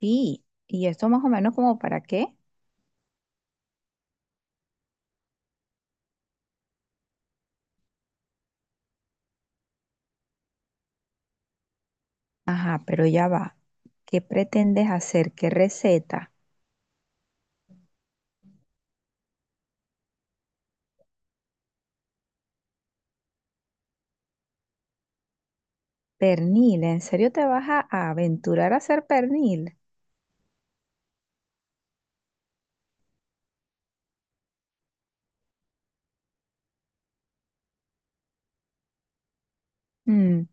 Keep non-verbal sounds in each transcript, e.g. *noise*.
Sí, y esto más o menos como para qué. Ajá, pero ya va. ¿Qué pretendes hacer? ¿Qué receta? Pernil, ¿en serio te vas a aventurar a hacer pernil? Mm,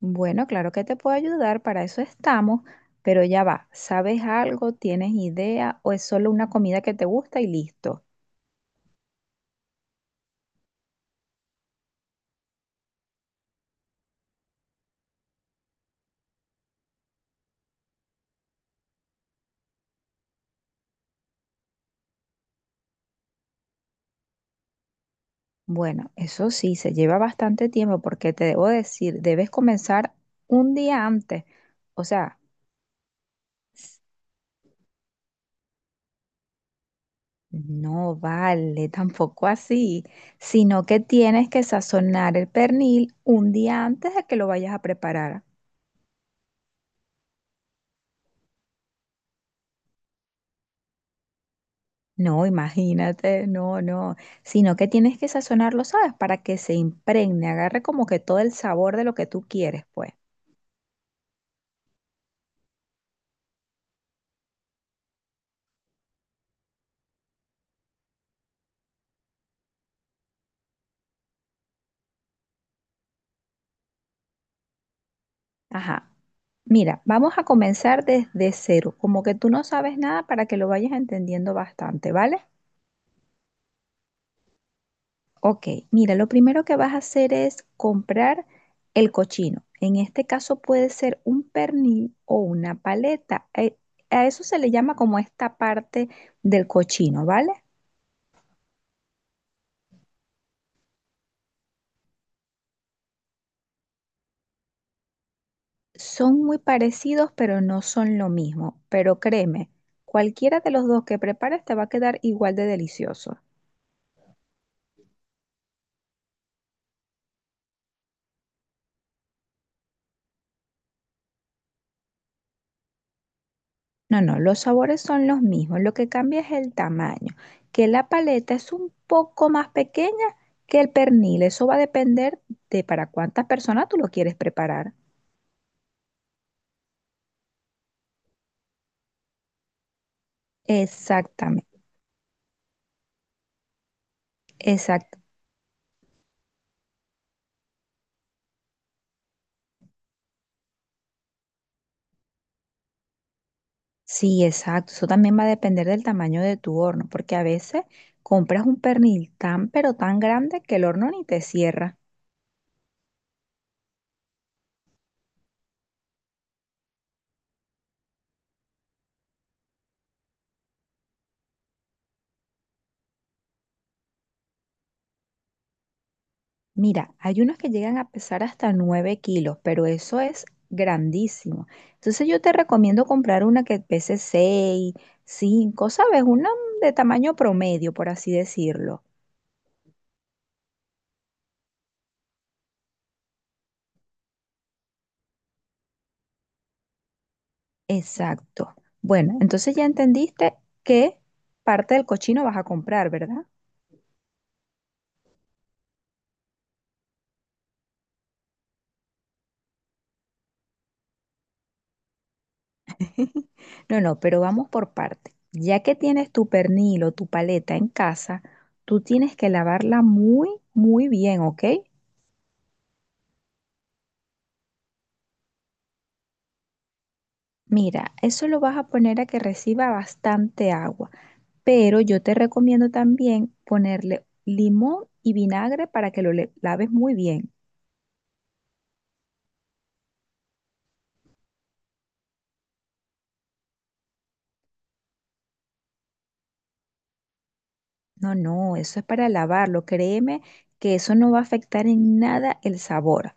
bueno, claro que te puedo ayudar, para eso estamos, pero ya va. ¿Sabes algo? ¿Tienes idea? ¿O es solo una comida que te gusta y listo? Bueno, eso sí, se lleva bastante tiempo porque te debo decir, debes comenzar un día antes. O sea, no vale, *laughs* tampoco así, sino que tienes que sazonar el pernil un día antes de que lo vayas a preparar. No, imagínate, no, no, sino que tienes que sazonarlo, ¿sabes? Para que se impregne, agarre como que todo el sabor de lo que tú quieres, pues. Ajá. Mira, vamos a comenzar desde cero, como que tú no sabes nada para que lo vayas entendiendo bastante, ¿vale? Ok, mira, lo primero que vas a hacer es comprar el cochino. En este caso puede ser un pernil o una paleta. A eso se le llama como esta parte del cochino, ¿vale? Son muy parecidos, pero no son lo mismo. Pero créeme, cualquiera de los dos que prepares te va a quedar igual de delicioso. No, no, los sabores son los mismos, lo que cambia es el tamaño, que la paleta es un poco más pequeña que el pernil, eso va a depender de para cuántas personas tú lo quieres preparar. Exactamente, exacto. Sí, exacto. Eso también va a depender del tamaño de tu horno, porque a veces compras un pernil tan pero tan grande que el horno ni te cierra. Mira, hay unos que llegan a pesar hasta 9 kilos, pero eso es grandísimo. Entonces yo te recomiendo comprar una que pese 6, 5, ¿sabes? Una de tamaño promedio, por así decirlo. Exacto. Bueno, entonces ya entendiste qué parte del cochino vas a comprar, ¿verdad? No, no, pero vamos por parte. Ya que tienes tu pernil o tu paleta en casa, tú tienes que lavarla muy, muy bien, ¿ok? Mira, eso lo vas a poner a que reciba bastante agua, pero yo te recomiendo también ponerle limón y vinagre para que lo laves muy bien. No, no, eso es para lavarlo, créeme que eso no va a afectar en nada el sabor.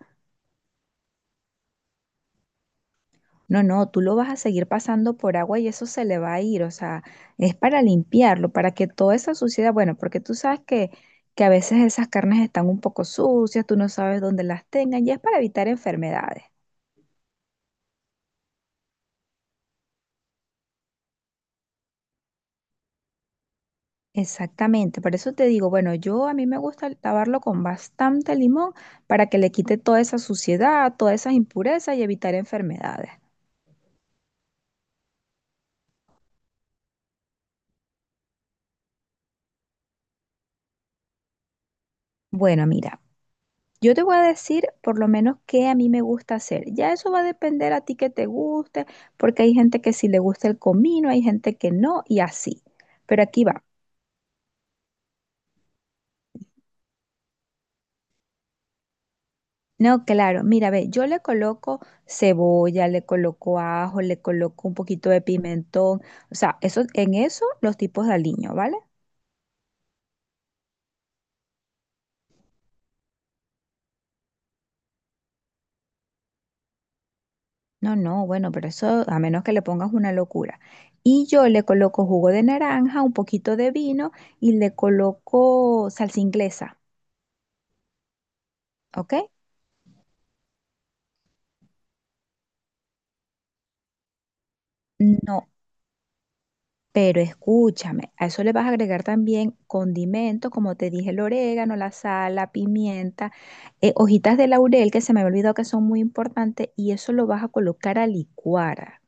No, no, tú lo vas a seguir pasando por agua y eso se le va a ir, o sea, es para limpiarlo, para que toda esa suciedad, bueno, porque tú sabes que a veces esas carnes están un poco sucias, tú no sabes dónde las tengan y es para evitar enfermedades. Exactamente, por eso te digo, bueno, yo a mí me gusta lavarlo con bastante limón para que le quite toda esa suciedad, todas esas impurezas y evitar enfermedades. Bueno, mira, yo te voy a decir por lo menos qué a mí me gusta hacer. Ya eso va a depender a ti que te guste, porque hay gente que sí le gusta el comino, hay gente que no y así. Pero aquí va. No, claro, mira, ve, yo le coloco cebolla, le coloco ajo, le coloco un poquito de pimentón, o sea, eso, en eso los tipos de aliño, ¿vale? No, no, bueno, pero eso a menos que le pongas una locura. Y yo le coloco jugo de naranja, un poquito de vino y le coloco salsa inglesa, ¿ok? No, pero escúchame, a eso le vas a agregar también condimentos, como te dije, el orégano, la sal, la pimienta, hojitas de laurel que se me había olvidado que son muy importantes y eso lo vas a colocar a licuar.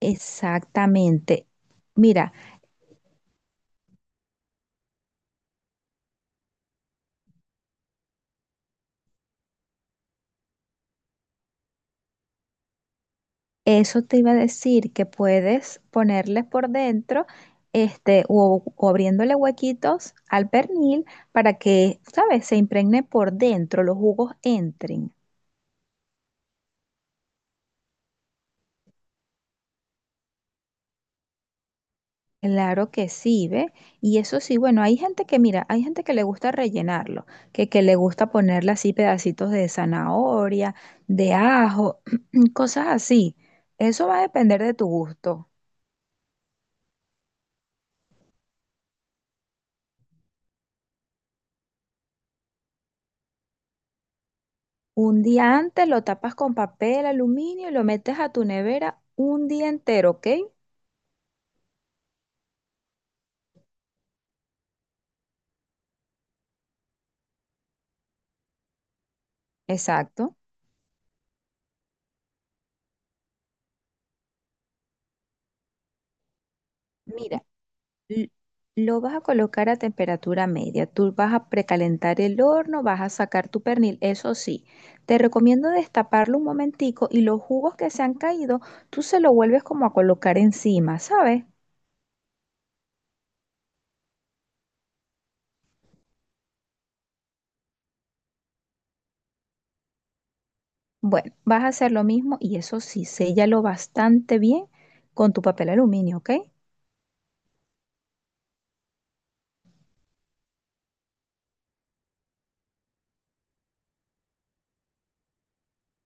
Exactamente. Mira, eso te iba a decir que puedes ponerles por dentro, este, o abriéndole huequitos al pernil para que, ¿sabes?, se impregne por dentro, los jugos entren. Claro que sí, ¿ve? Y eso sí, bueno, hay gente que, mira, hay gente que le gusta rellenarlo, que le gusta ponerle así pedacitos de zanahoria, de ajo, *clears throat* cosas así. Eso va a depender de tu gusto. Un día antes lo tapas con papel aluminio y lo metes a tu nevera un día entero, ¿ok? Exacto. Mira, l- lo vas a colocar a temperatura media. Tú vas a precalentar el horno, vas a sacar tu pernil. Eso sí, te recomiendo destaparlo un momentico y los jugos que se han caído, tú se lo vuelves como a colocar encima, ¿sabes? Bueno, vas a hacer lo mismo y eso sí, séllalo bastante bien con tu papel aluminio, ¿ok?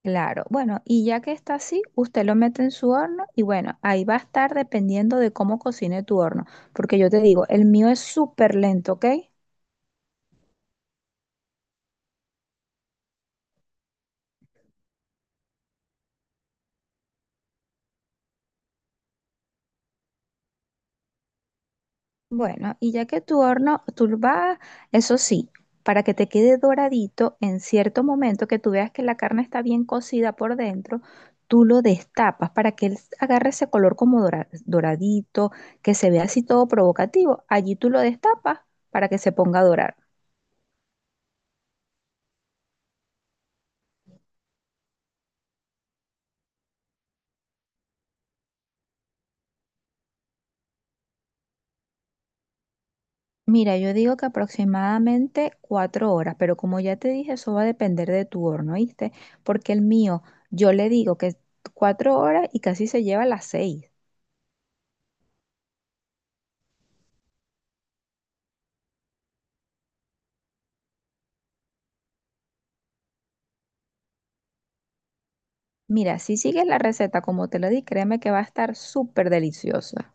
Claro, bueno, y ya que está así, usted lo mete en su horno y bueno, ahí va a estar dependiendo de cómo cocine tu horno, porque yo te digo, el mío es súper lento, ¿ok? Bueno, y ya que tu horno, tú lo vas, eso sí, para que te quede doradito en cierto momento, que tú veas que la carne está bien cocida por dentro, tú lo destapas para que él agarre ese color como doradito, que se vea así todo provocativo. Allí tú lo destapas para que se ponga a dorar. Mira, yo digo que aproximadamente 4 horas, pero como ya te dije, eso va a depender de tu horno, ¿viste? Porque el mío, yo le digo que 4 horas y casi se lleva las 6. Mira, si sigues la receta como te lo di, créeme que va a estar súper deliciosa.